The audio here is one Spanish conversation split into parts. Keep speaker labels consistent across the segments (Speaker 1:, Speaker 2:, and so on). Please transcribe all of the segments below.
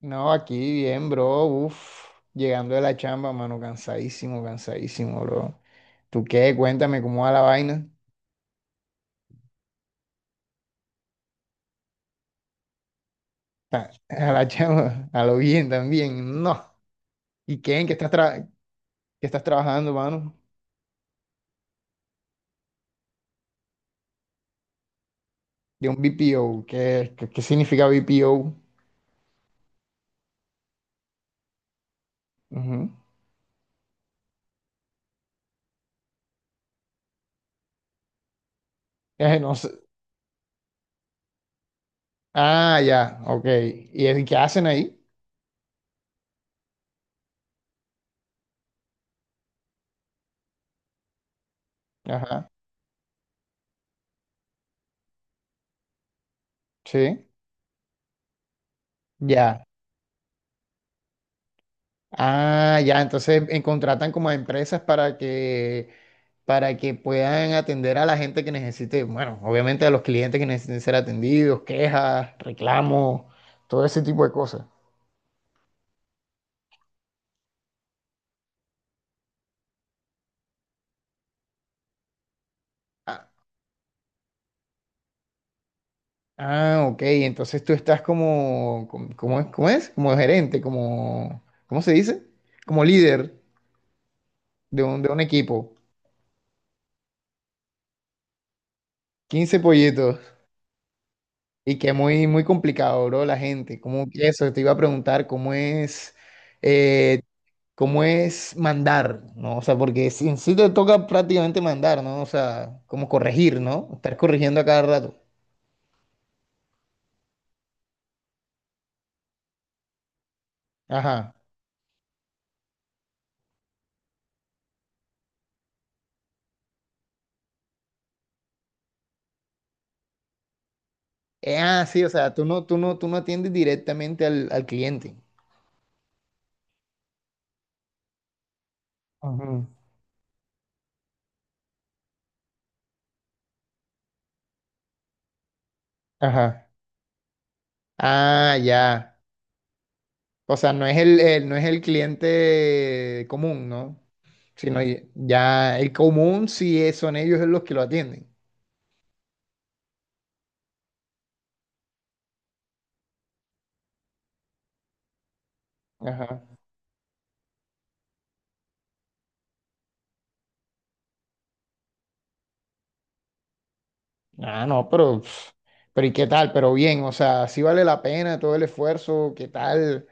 Speaker 1: No, aquí bien, bro. Uf, llegando de la chamba, mano, cansadísimo, cansadísimo, bro. ¿Tú qué? Cuéntame cómo va la vaina. A la chamba, a lo bien también. No. ¿Y qué? ¿En qué estás, qué estás trabajando, mano? De un BPO. ¿Qué significa BPO? Ujú. No sé. Ah, ya, ok. ¿Y qué hacen ahí? Ajá, sí, ya. Ah, ya, entonces contratan como a empresas para que puedan atender a la gente que necesite, bueno, obviamente a los clientes que necesiten ser atendidos, quejas, reclamos, todo ese tipo de cosas. Ah, ah, ok, entonces tú estás como, ¿cómo es? ¿Cómo es? Como gerente, como, ¿cómo se dice? Como líder de un equipo. Quince pollitos. Y que es muy, muy complicado, bro, la gente. Como eso, te iba a preguntar, ¿cómo es? eh, Cómo es mandar, ¿no? O sea, porque en sí te toca prácticamente mandar, ¿no? O sea, como corregir, ¿no? Estar corrigiendo a cada rato. Ajá. Ah, sí, o sea, tú no atiendes directamente al cliente. Ujú. Ajá. Ah, ya. O sea, no es el cliente común, ¿no? Sino ya el común sí son ellos los que lo atienden. Ah, no, pero ¿y qué tal? Pero bien, o sea, sí vale la pena todo el esfuerzo, ¿qué tal?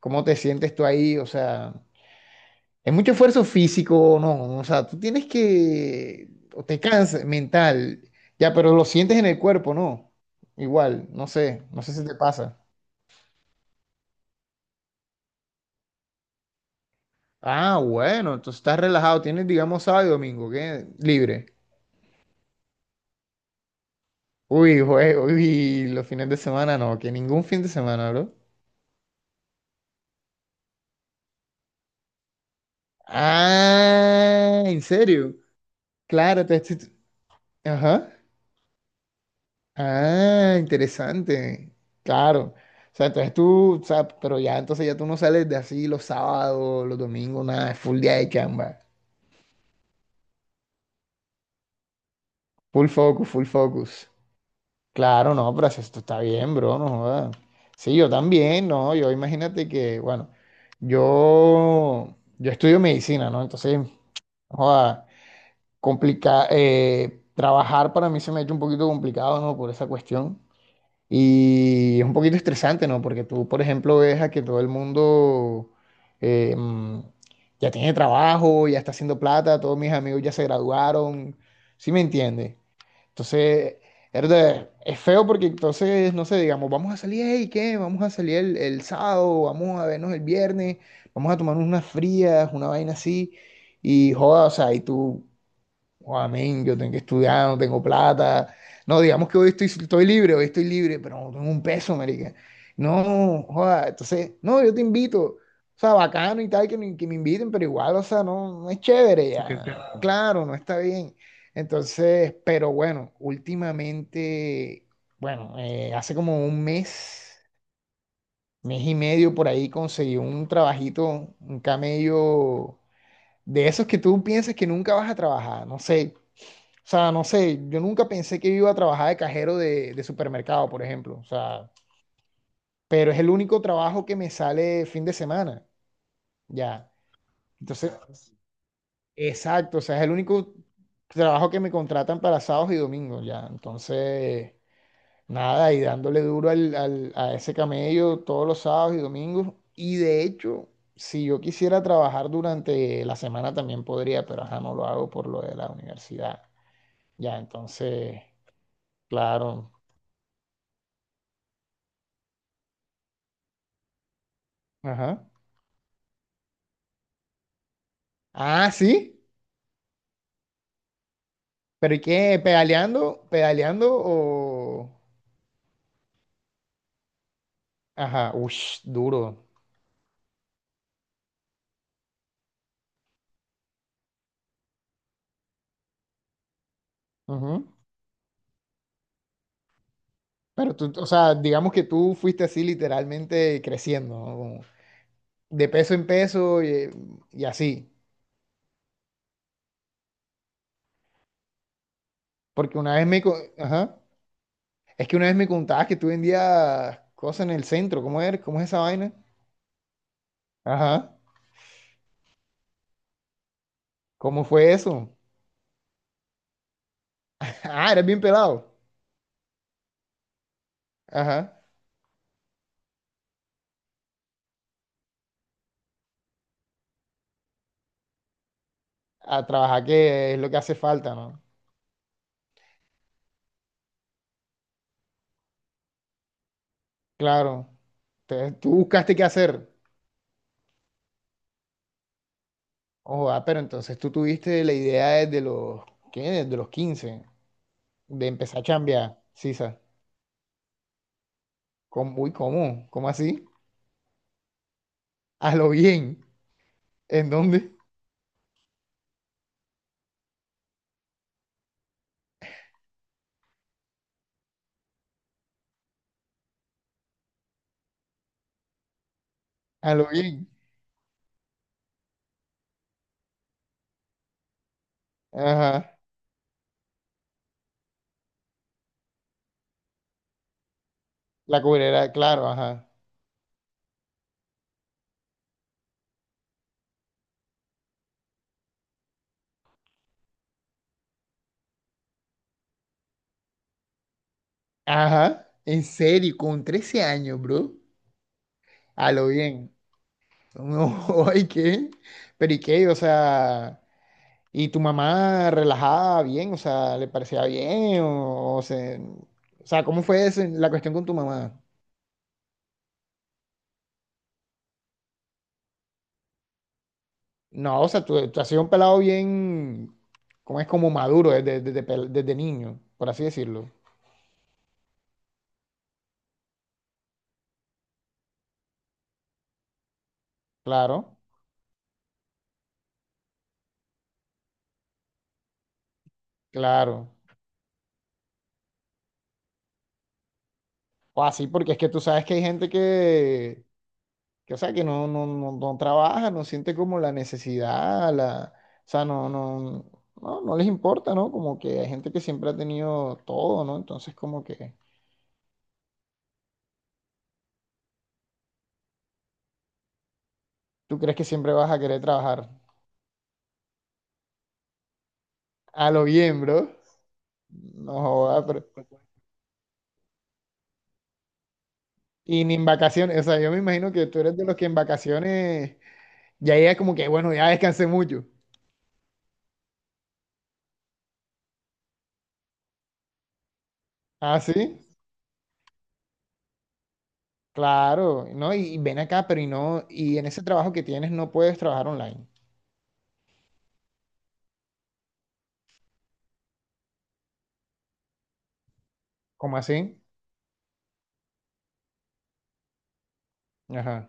Speaker 1: ¿Cómo te sientes tú ahí? O sea, es mucho esfuerzo físico, o no, o sea, tú tienes que, o te cansas mental, ya, pero lo sientes en el cuerpo, ¿no? Igual, no sé si te pasa. Ah, bueno, entonces estás relajado, tienes, digamos, sábado y domingo, ¿qué? Libre. Uy, güey, uy, los fines de semana no, que ningún fin de semana, bro. Ah, ¿en serio? Claro, ajá. Ah, interesante. Claro. O sea, entonces tú, o sea, pero ya entonces ya tú no sales de así los sábados, los domingos, nada, es full día de chamba. Full focus, full focus. Claro, no, pero si esto está bien, bro, no jodas. Sí, yo también, no, yo imagínate que, bueno, yo estudio medicina, ¿no? Entonces, joda, complica, trabajar para mí se me ha hecho un poquito complicado, ¿no? Por esa cuestión. Y es un poquito estresante, ¿no? Porque tú, por ejemplo, ves a que todo el mundo eh, mm, ya tiene trabajo, ya está haciendo plata, todos mis amigos ya se graduaron, ¿sí me entiendes? Entonces, es feo porque entonces, no sé, digamos, vamos a salir, ¿y qué? Vamos a salir el sábado, vamos a vernos el viernes, vamos a tomarnos unas frías, una vaina así, y joda, o sea, y tú. Oh, amén, yo tengo que estudiar, no tengo plata. No, digamos que hoy estoy libre, hoy estoy libre, pero no tengo un peso, marica. No, joda, entonces, no, yo te invito. O sea, bacano y tal, que me inviten, pero igual, o sea, no, no es chévere. Sí, ya. Claro, no está bien. Entonces, pero bueno, últimamente, bueno, hace como un mes, mes y medio por ahí conseguí un trabajito, un camello de esos que tú piensas que nunca vas a trabajar, no sé. O sea, no sé, yo nunca pensé que iba a trabajar de cajero de supermercado, por ejemplo. O sea, pero es el único trabajo que me sale fin de semana, ya. Entonces, exacto, o sea, es el único trabajo que me contratan para sábados y domingos, ya. Entonces, nada, y dándole duro al, a ese camello todos los sábados y domingos. Y de hecho, si yo quisiera trabajar durante la semana también podría, pero ajá, no lo hago por lo de la universidad. Ya, entonces, claro. Ajá. Ah, sí. ¿Pero y qué? ¿Pedaleando? ¿Pedaleando o? Ajá, ush, duro. Ujú. Pero tú, o sea, digamos que tú fuiste así literalmente creciendo, ¿no? Como de peso en peso y así. Porque una vez me. Ajá. Es que una vez me contabas que tú vendías cosas en el centro. ¿Cómo eres? ¿Cómo es esa vaina? Ajá. ¿Cómo fue eso? Ah, eres bien pelado. Ajá. A trabajar que es lo que hace falta, ¿no? Claro. Entonces, tú buscaste qué hacer. Ojo, ah, pero entonces tú tuviste la idea desde los, ¿qué? Desde los 15 de empezar a chambear, Sisa. ¿Cómo? Uy, ¿cómo? ¿Cómo así? A lo bien. ¿En dónde? A lo bien. Ajá. La cubrera, claro, ajá. Ajá. En serio, con 13 años, bro. A lo bien. No, ay, ¿qué? Pero ¿y qué? O sea, ¿y tu mamá relajaba bien? O sea, ¿le parecía bien? O sea, ¿cómo fue la cuestión con tu mamá? No, o sea, tú has sido un pelado bien, como es como maduro desde niño, por así decirlo. Claro, claro. O así, porque es que tú sabes que hay gente que o sea, que no trabaja, no siente como la necesidad, o sea, no les importa, ¿no? Como que hay gente que siempre ha tenido todo, ¿no? Entonces, como que tú crees que siempre vas a querer trabajar. A lo bien, bro. No joda, pero. Y ni en vacaciones, o sea, yo me imagino que tú eres de los que en vacaciones. Ya ella como que, bueno, ya descansé mucho. Ah, sí, claro, ¿no? Y ven acá, pero y no, y en ese trabajo que tienes no puedes trabajar online. ¿Cómo así? Ajá.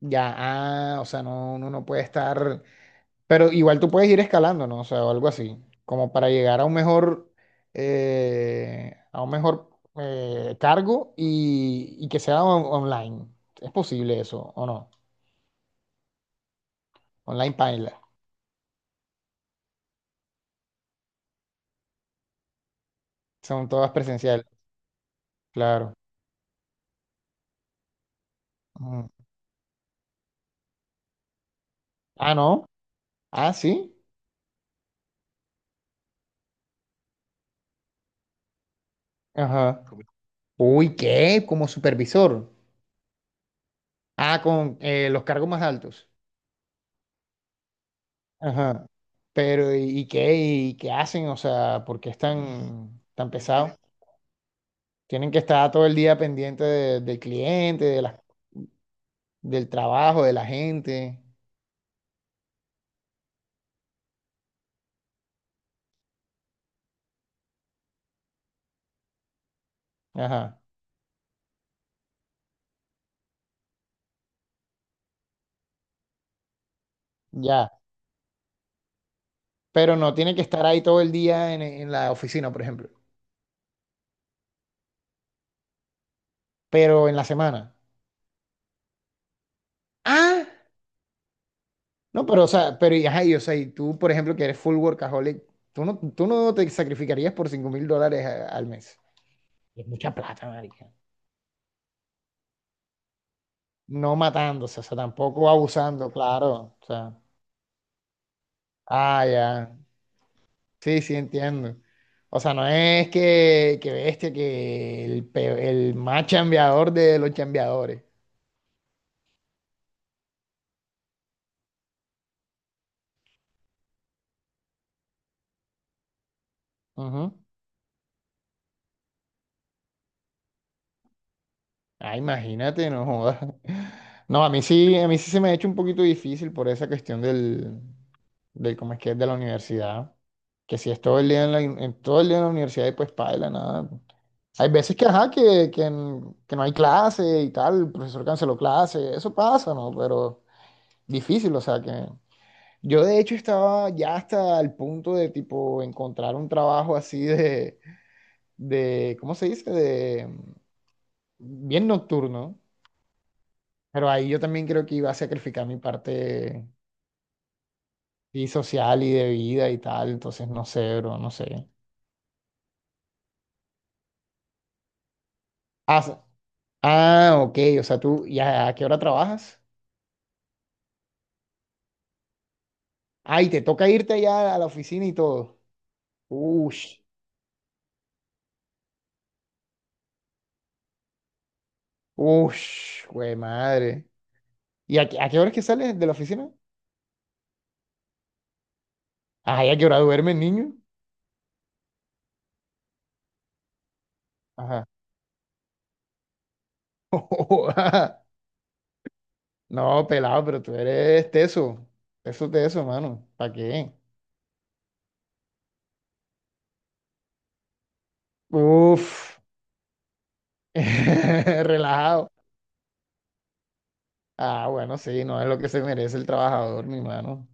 Speaker 1: Ya, ah, o sea, no, uno no puede estar, pero igual tú puedes ir escalando, ¿no? O sea, o algo así, como para llegar a un mejor cargo y que sea online. ¿Es posible eso o no? Online paila. Son todas presenciales, claro. Ujú. Ah, no. Ah, sí. Ajá. Uy, ¿qué? Como supervisor. Ah, con los cargos más altos. Ajá. Pero, ¿y qué? ¿Y qué hacen? O sea, ¿por qué es tan, tan pesado? Tienen que estar todo el día pendiente del cliente, del trabajo, de la gente. Ajá. Ya. Pero no tienen que estar ahí todo el día en la oficina, por ejemplo. Pero en la semana. Ah, no, pero, o sea, pero, y, ajá, y, o sea, y tú, por ejemplo, que eres full workaholic. ¿Tú no te sacrificarías por $5,000 al mes? Y es mucha plata, marica. No matándose, o sea, tampoco abusando, claro. O sea, ah, ya. Sí, sí, entiendo. O sea, no es que bestia, que el más chambeador de los chambeadores. Ujú. Ah, imagínate, no jodas. No, a mí sí se me ha hecho un poquito difícil por esa cuestión del cómo es que es de la universidad. Que si es todo el día en todo el día en la universidad y pues paila, nada. Hay veces que, ajá, que no hay clase y tal, el profesor canceló clase, eso pasa, ¿no? Pero difícil, o sea que yo de hecho estaba ya hasta el punto de tipo encontrar un trabajo así de, ¿cómo se dice? De bien nocturno. Pero ahí yo también creo que iba a sacrificar mi parte y social y de vida y tal, entonces no sé, bro, no sé. Ah, ah, ok, o sea, tú, ya, ¿a qué hora trabajas? Ah, y te toca irte ya a la oficina y todo. Ush, ush, güey, madre. ¿Y qué a qué hora es que sales de la oficina? Ah, ¿y a qué hora duerme el niño? Ajá. No, pelado, pero tú eres teso, teso, teso, mano, ¿para qué? Uf, relajado. Ah, bueno, sí, no es lo que se merece el trabajador, mi hermano.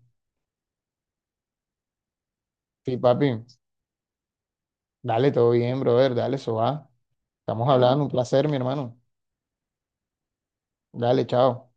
Speaker 1: Sí, papi, dale, todo bien, brother, dale, eso va. Estamos hablando, un placer, mi hermano. Dale, chao.